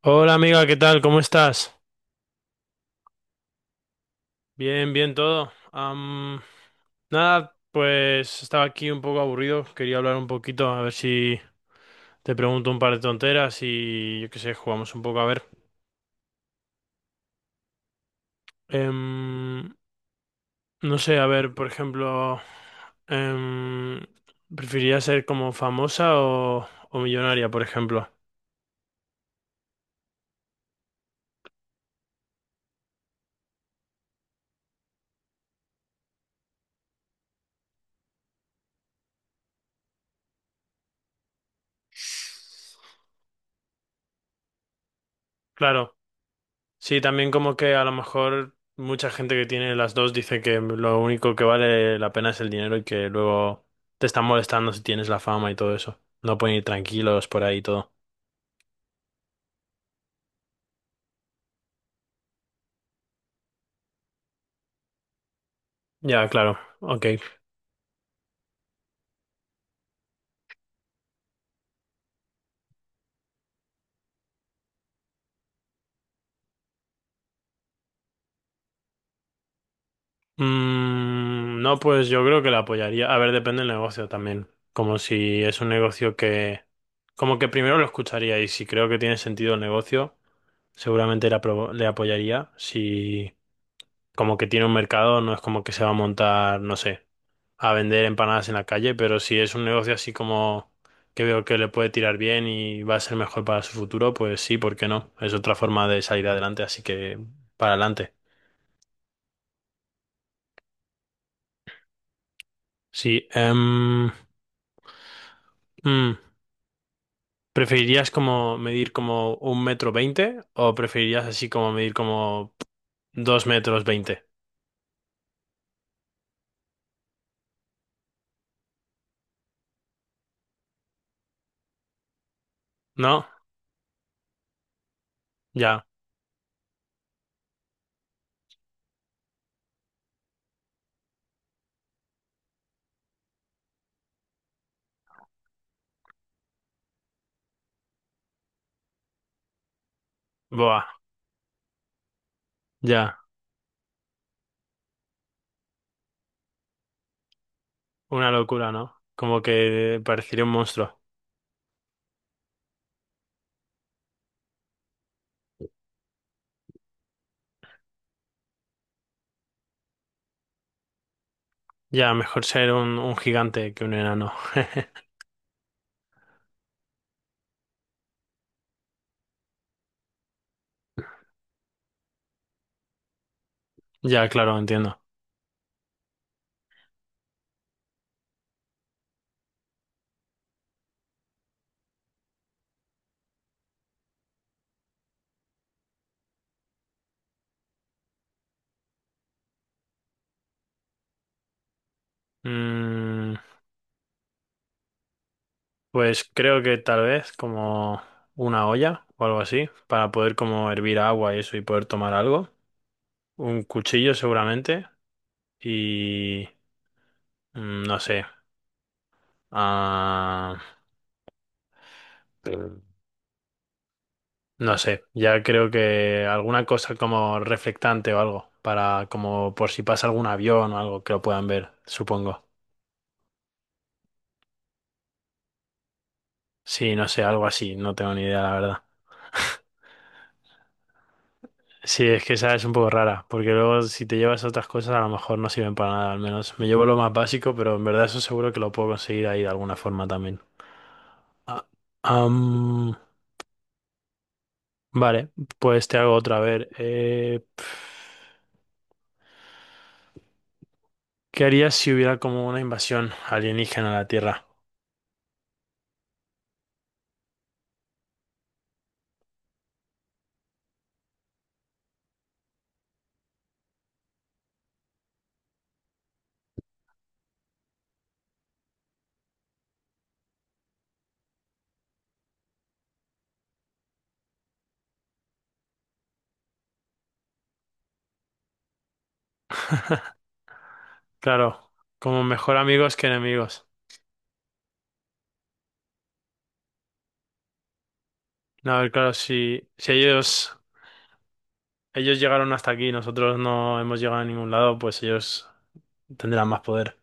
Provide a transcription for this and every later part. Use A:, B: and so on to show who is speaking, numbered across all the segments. A: Hola amiga, ¿qué tal? ¿Cómo estás? Bien, bien todo. Nada, pues estaba aquí un poco aburrido, quería hablar un poquito, a ver si te pregunto un par de tonteras y yo qué sé, jugamos un poco a ver. Em, no sé, a ver, por ejemplo, em, ¿preferirías ser como famosa o millonaria, por ejemplo? Claro. Sí, también como que a lo mejor mucha gente que tiene las dos dice que lo único que vale la pena es el dinero y que luego te están molestando si tienes la fama y todo eso. No pueden ir tranquilos por ahí y todo. Ya, claro, ok. Mm, no, pues yo creo que la apoyaría. A ver, depende del negocio también. Como si es un negocio que... Como que primero lo escucharía y si creo que tiene sentido el negocio, seguramente le apoyaría. Si como que tiene un mercado, no es como que se va a montar, no sé, a vender empanadas en la calle, pero si es un negocio así como que veo que le puede tirar bien y va a ser mejor para su futuro, pues sí, ¿por qué no? Es otra forma de salir adelante, así que para adelante. Sí, mm, ¿preferirías como medir como 1,20 m o preferirías así como medir como 2,20 m? ¿No? Ya, boa, ya, una locura, ¿no? Como que parecería un monstruo. Ya, mejor ser un gigante que un enano. Ya, claro, entiendo. Mm, pues creo que tal vez como una olla o algo así, para poder como hervir agua y eso y poder tomar algo. Un cuchillo seguramente y no sé. ah, no sé, ya creo que alguna cosa como reflectante o algo, para como por si pasa algún avión o algo que lo puedan ver, supongo. Sí, no sé, algo así, no tengo ni idea, la verdad. Sí, es que esa es un poco rara, porque luego si te llevas otras cosas a lo mejor no sirven para nada, al menos me llevo lo más básico, pero en verdad eso seguro que lo puedo conseguir ahí de alguna forma también. Ah, am, vale, pues te hago otra, a ver. ¿Qué harías si hubiera como una invasión alienígena a la Tierra? Claro, como mejor amigos que enemigos. No, a ver, claro, si ellos, ellos llegaron hasta aquí y nosotros no hemos llegado a ningún lado, pues ellos tendrán más poder.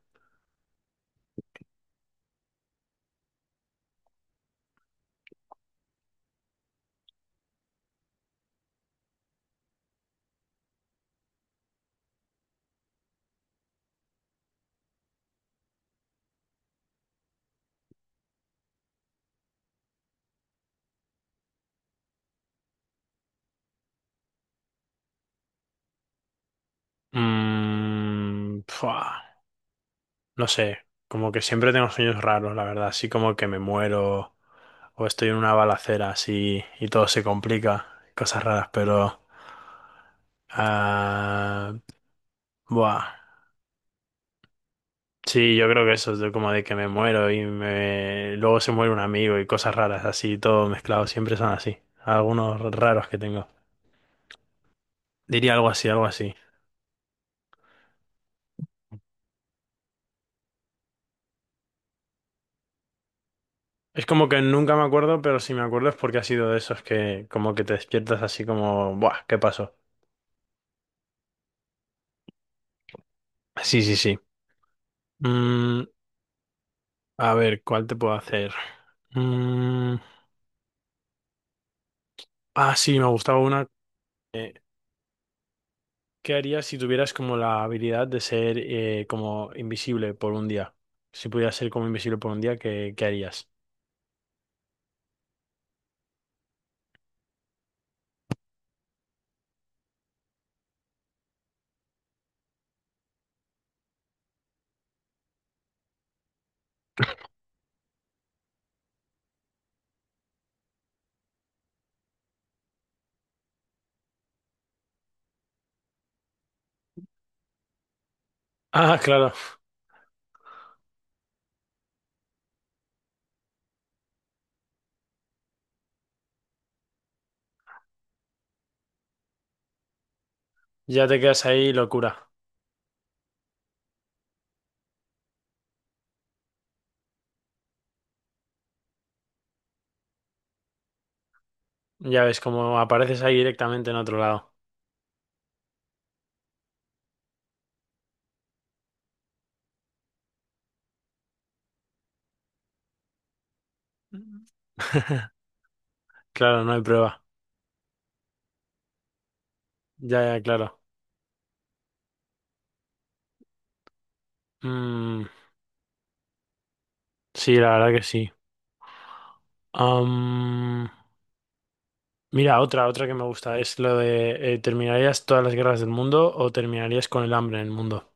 A: Mmm, no sé, como que siempre tengo sueños raros, la verdad, así como que me muero o estoy en una balacera así y todo se complica, cosas raras, pero... Ah, buah. Sí, yo creo que eso, de como de que me muero y me... luego se muere un amigo y cosas raras, así, todo mezclado, siempre son así. Algunos raros que tengo. Diría algo así, algo así. Es como que nunca me acuerdo, pero si me acuerdo es porque ha sido de esos que como que te despiertas así como, buah, ¿qué pasó? Sí, sí, sí. Mm, A ver, ¿cuál te puedo hacer? Mm, ah, sí, me gustaba una. eh, ¿Qué harías si tuvieras como la habilidad de ser como invisible por un día? Si pudieras ser como invisible por un día, qué harías? Ah, claro, ya te quedas ahí, locura. Ya ves, como apareces ahí directamente en otro lado. Mm. Claro, no hay prueba. Ya, ya, claro. Mm, sí, la verdad que sí. Am, mira, otra que me gusta es lo de ¿terminarías todas las guerras del mundo o terminarías con el hambre en el mundo?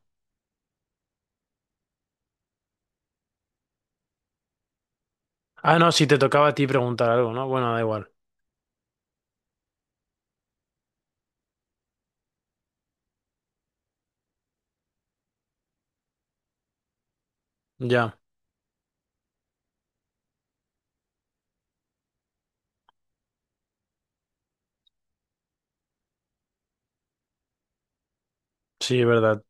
A: Ah, no, si te tocaba a ti preguntar algo, ¿no? Bueno, da igual. Ya, sí, es verdad.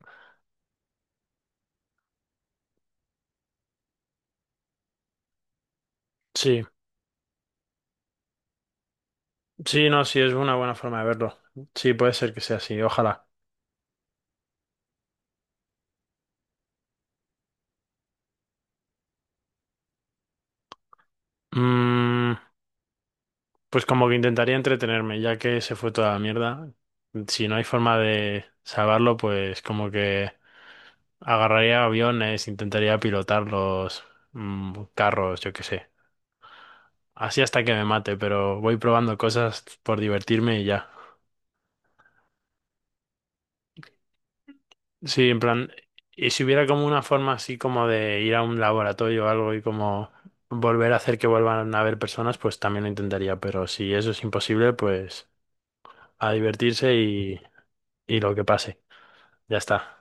A: Sí, sí, no, sí, es una buena forma de verlo. Sí, puede ser que sea así, ojalá. Mm, pues como que intentaría entretenerme, ya que se fue toda la mierda. Si no hay forma de salvarlo, pues como que agarraría aviones, intentaría pilotarlos, carros, yo qué sé. Así hasta que me mate, pero voy probando cosas por divertirme y ya. Sí, en plan, y si hubiera como una forma así como de ir a un laboratorio o algo y como volver a hacer que vuelvan a haber personas, pues también lo intentaría, pero si eso es imposible, pues a divertirse y lo que pase, ya está.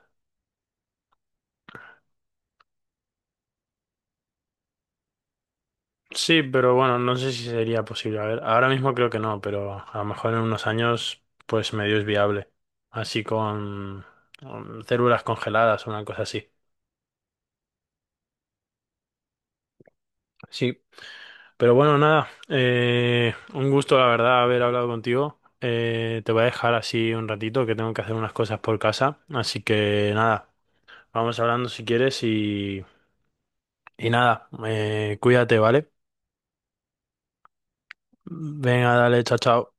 A: Sí, pero bueno, no sé si sería posible. A ver, ahora mismo creo que no, pero a lo mejor en unos años, pues medio es viable. Así con células congeladas o una cosa así. Sí, pero bueno, nada, un gusto la verdad haber hablado contigo. Te voy a dejar así un ratito que tengo que hacer unas cosas por casa. Así que nada, vamos hablando si quieres y nada, cuídate, ¿vale? Venga, dale, chao, chao.